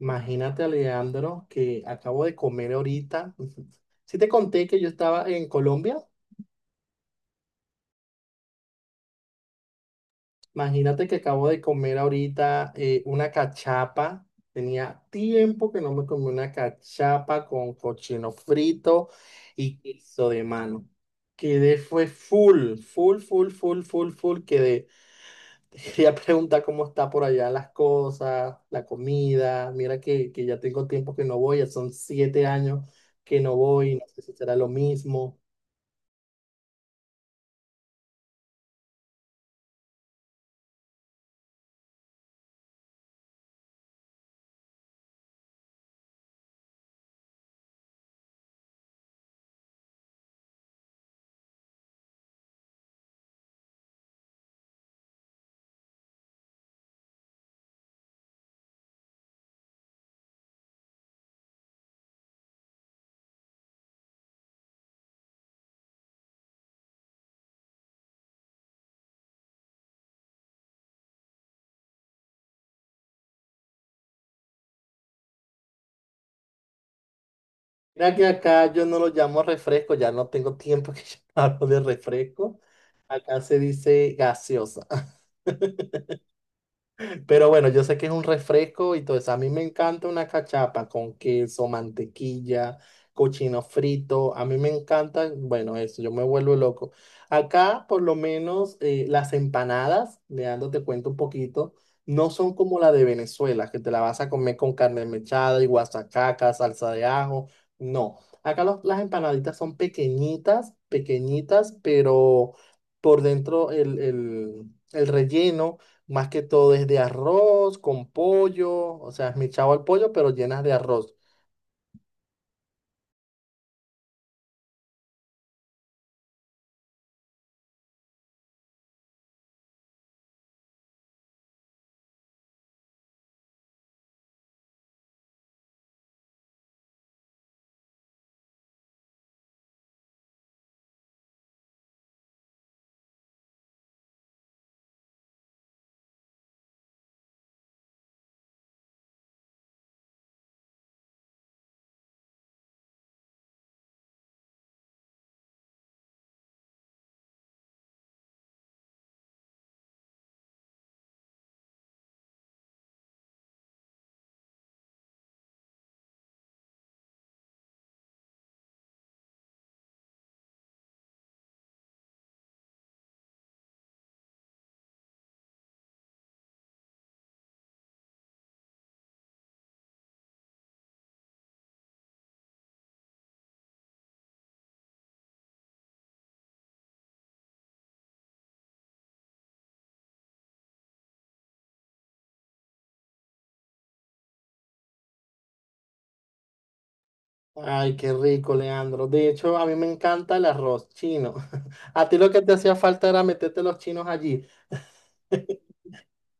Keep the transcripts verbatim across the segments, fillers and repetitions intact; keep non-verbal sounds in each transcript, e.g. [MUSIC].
Imagínate, Alejandro, que acabo de comer ahorita. [LAUGHS] Si te conté que yo estaba en Colombia, imagínate que acabo de comer ahorita eh, una cachapa. Tenía tiempo que no me comí una cachapa con cochino frito y queso de mano. Quedé, fue full, full, full, full, full, full. Quedé. [LAUGHS] Te quería preguntar cómo está por allá las cosas, la comida. Mira que, que ya tengo tiempo que no voy, ya son siete años que no voy, no sé si será lo mismo. Mira que acá yo no lo llamo refresco, ya no tengo tiempo que [LAUGHS] yo hablo de refresco. Acá se dice gaseosa. Pero bueno, yo sé que es un refresco y todo eso. A mí me encanta una cachapa con queso, mantequilla, cochino frito. A mí me encanta, bueno, eso, yo me vuelvo loco. Acá, por lo menos, eh, las empanadas, Leandro, te cuento un poquito, no son como la de Venezuela, que te la vas a comer con carne mechada y guasacaca, salsa de ajo. No. Acá los- las empanaditas son pequeñitas, pequeñitas, pero por dentro el, el el relleno. Más que todo es de arroz con pollo, o sea, es mi chavo al pollo, pero llenas de arroz. Ay, qué rico, Leandro. De hecho, a mí me encanta el arroz chino. [LAUGHS] A ti lo que te hacía falta era meterte los chinos allí.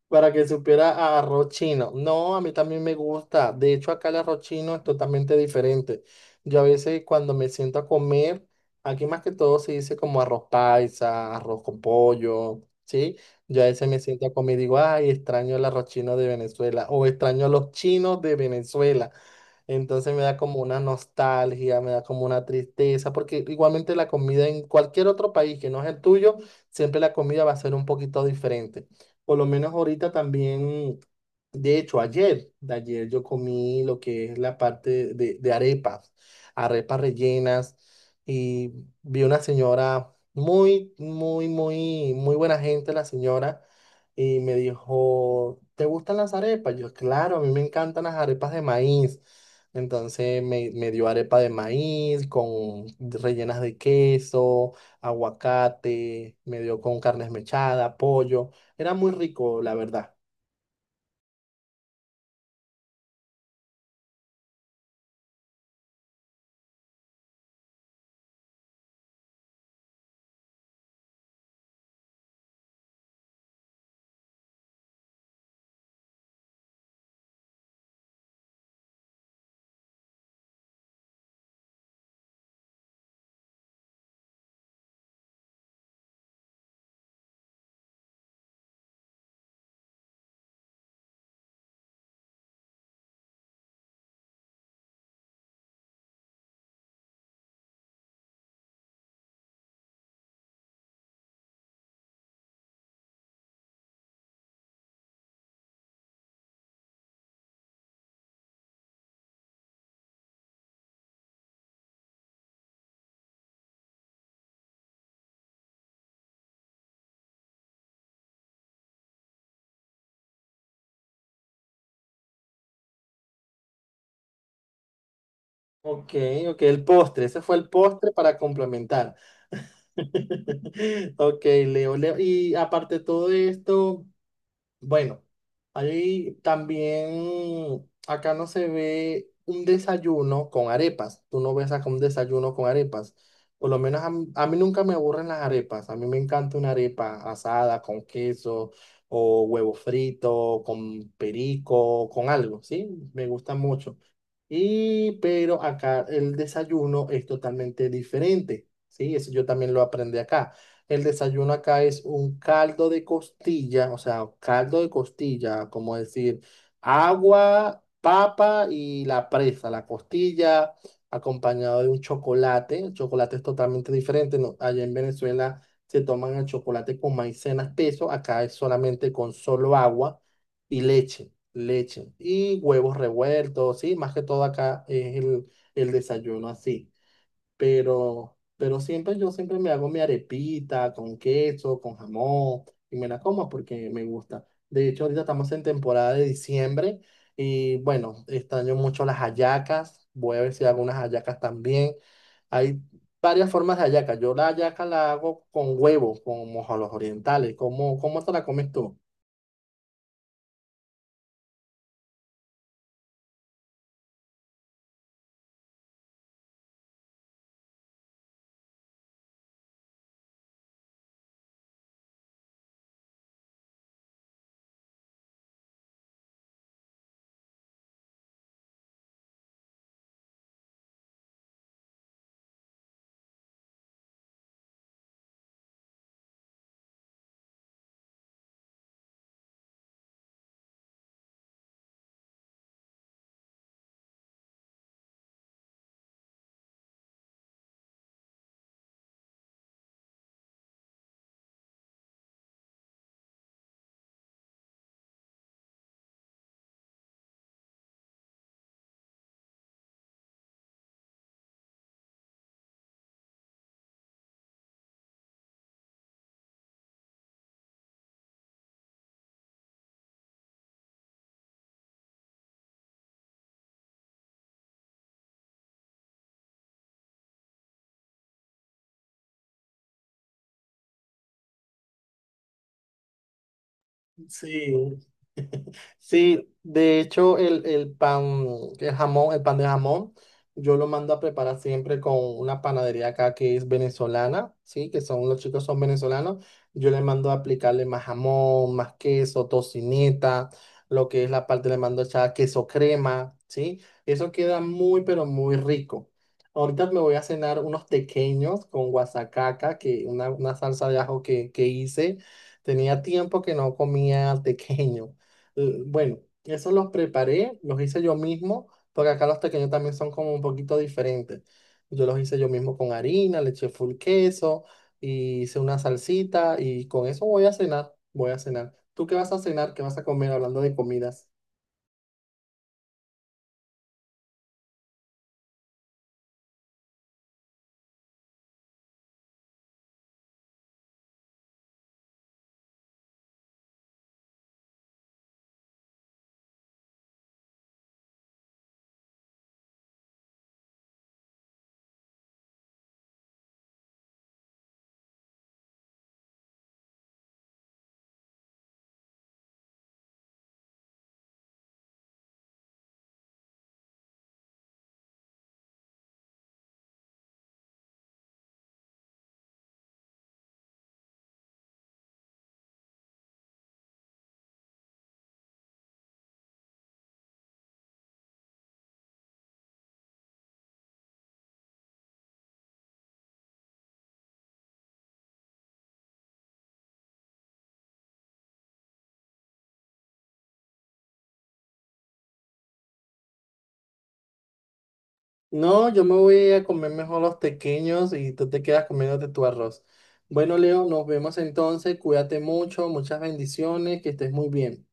Para que supiera a arroz chino. No, a mí también me gusta. De hecho, acá el arroz chino es totalmente diferente. Yo a veces cuando me siento a comer, aquí más que todo se dice como arroz paisa, arroz con pollo, ¿sí? Yo a veces me siento a comer y digo, ay, extraño el arroz chino de Venezuela o extraño a los chinos de Venezuela. Entonces me da como una nostalgia, me da como una tristeza, porque igualmente la comida en cualquier otro país que no es el tuyo, siempre la comida va a ser un poquito diferente. Por lo menos ahorita también, de hecho, ayer, de ayer yo comí lo que es la parte de, de arepas, arepas rellenas, y vi una señora muy, muy, muy, muy buena gente, la señora y me dijo, ¿te gustan las arepas? Yo, claro, a mí me encantan las arepas de maíz. Entonces me, me dio arepa de maíz con rellenas de queso, aguacate, me dio con carne mechada, pollo. Era muy rico, la verdad. Ok, ok, el postre, ese fue el postre para complementar. [LAUGHS] Ok, Leo, Leo. Y aparte de todo esto, bueno, ahí también, acá no se ve un desayuno con arepas. Tú no ves acá un desayuno con arepas. Por lo menos a mí, a mí nunca me aburren las arepas. A mí me encanta una arepa asada con queso o huevo frito, con perico, con algo, ¿sí? Me gusta mucho. Y, pero acá el desayuno es totalmente diferente, ¿sí? Eso yo también lo aprendí acá. El desayuno acá es un caldo de costilla, o sea, caldo de costilla, como decir, agua, papa y la presa, la costilla, acompañado de un chocolate. El chocolate es totalmente diferente, ¿no? Allá en Venezuela se toman el chocolate con maicena espeso, acá es solamente con solo agua y leche, leche y huevos revueltos, sí, más que todo acá es el, el desayuno así, pero, pero siempre yo siempre me hago mi arepita con queso, con jamón y me la como porque me gusta. De hecho, ahorita estamos en temporada de diciembre y bueno, extraño mucho las hallacas. Voy a ver si hago unas hallacas también. Hay varias formas de hallaca. Yo la hallaca la hago con huevo, como a los orientales. ¿Cómo, cómo te la comes tú? Sí. Sí, de hecho el, el pan, el jamón, el pan de jamón, yo lo mando a preparar siempre con una panadería acá que es venezolana, sí, que son los chicos son venezolanos. Yo le mando a aplicarle más jamón, más queso, tocineta, lo que es la parte le mando echar queso crema, sí. Eso queda muy pero muy rico. Ahorita me voy a cenar unos tequeños con guasacaca, que una, una salsa de ajo que, que hice. Tenía tiempo que no comía tequeño. L- Bueno, eso los preparé, los hice yo mismo, porque acá los pequeños también son como un poquito diferentes. Yo los hice yo mismo con harina, le eché full queso, y hice una salsita y con eso voy a cenar, voy a cenar. ¿Tú qué vas a cenar? ¿Qué vas a comer hablando de comidas? No, yo me voy a comer mejor los pequeños y tú te quedas comiéndote tu arroz. Bueno, Leo, nos vemos entonces, cuídate mucho, muchas bendiciones, que estés muy bien.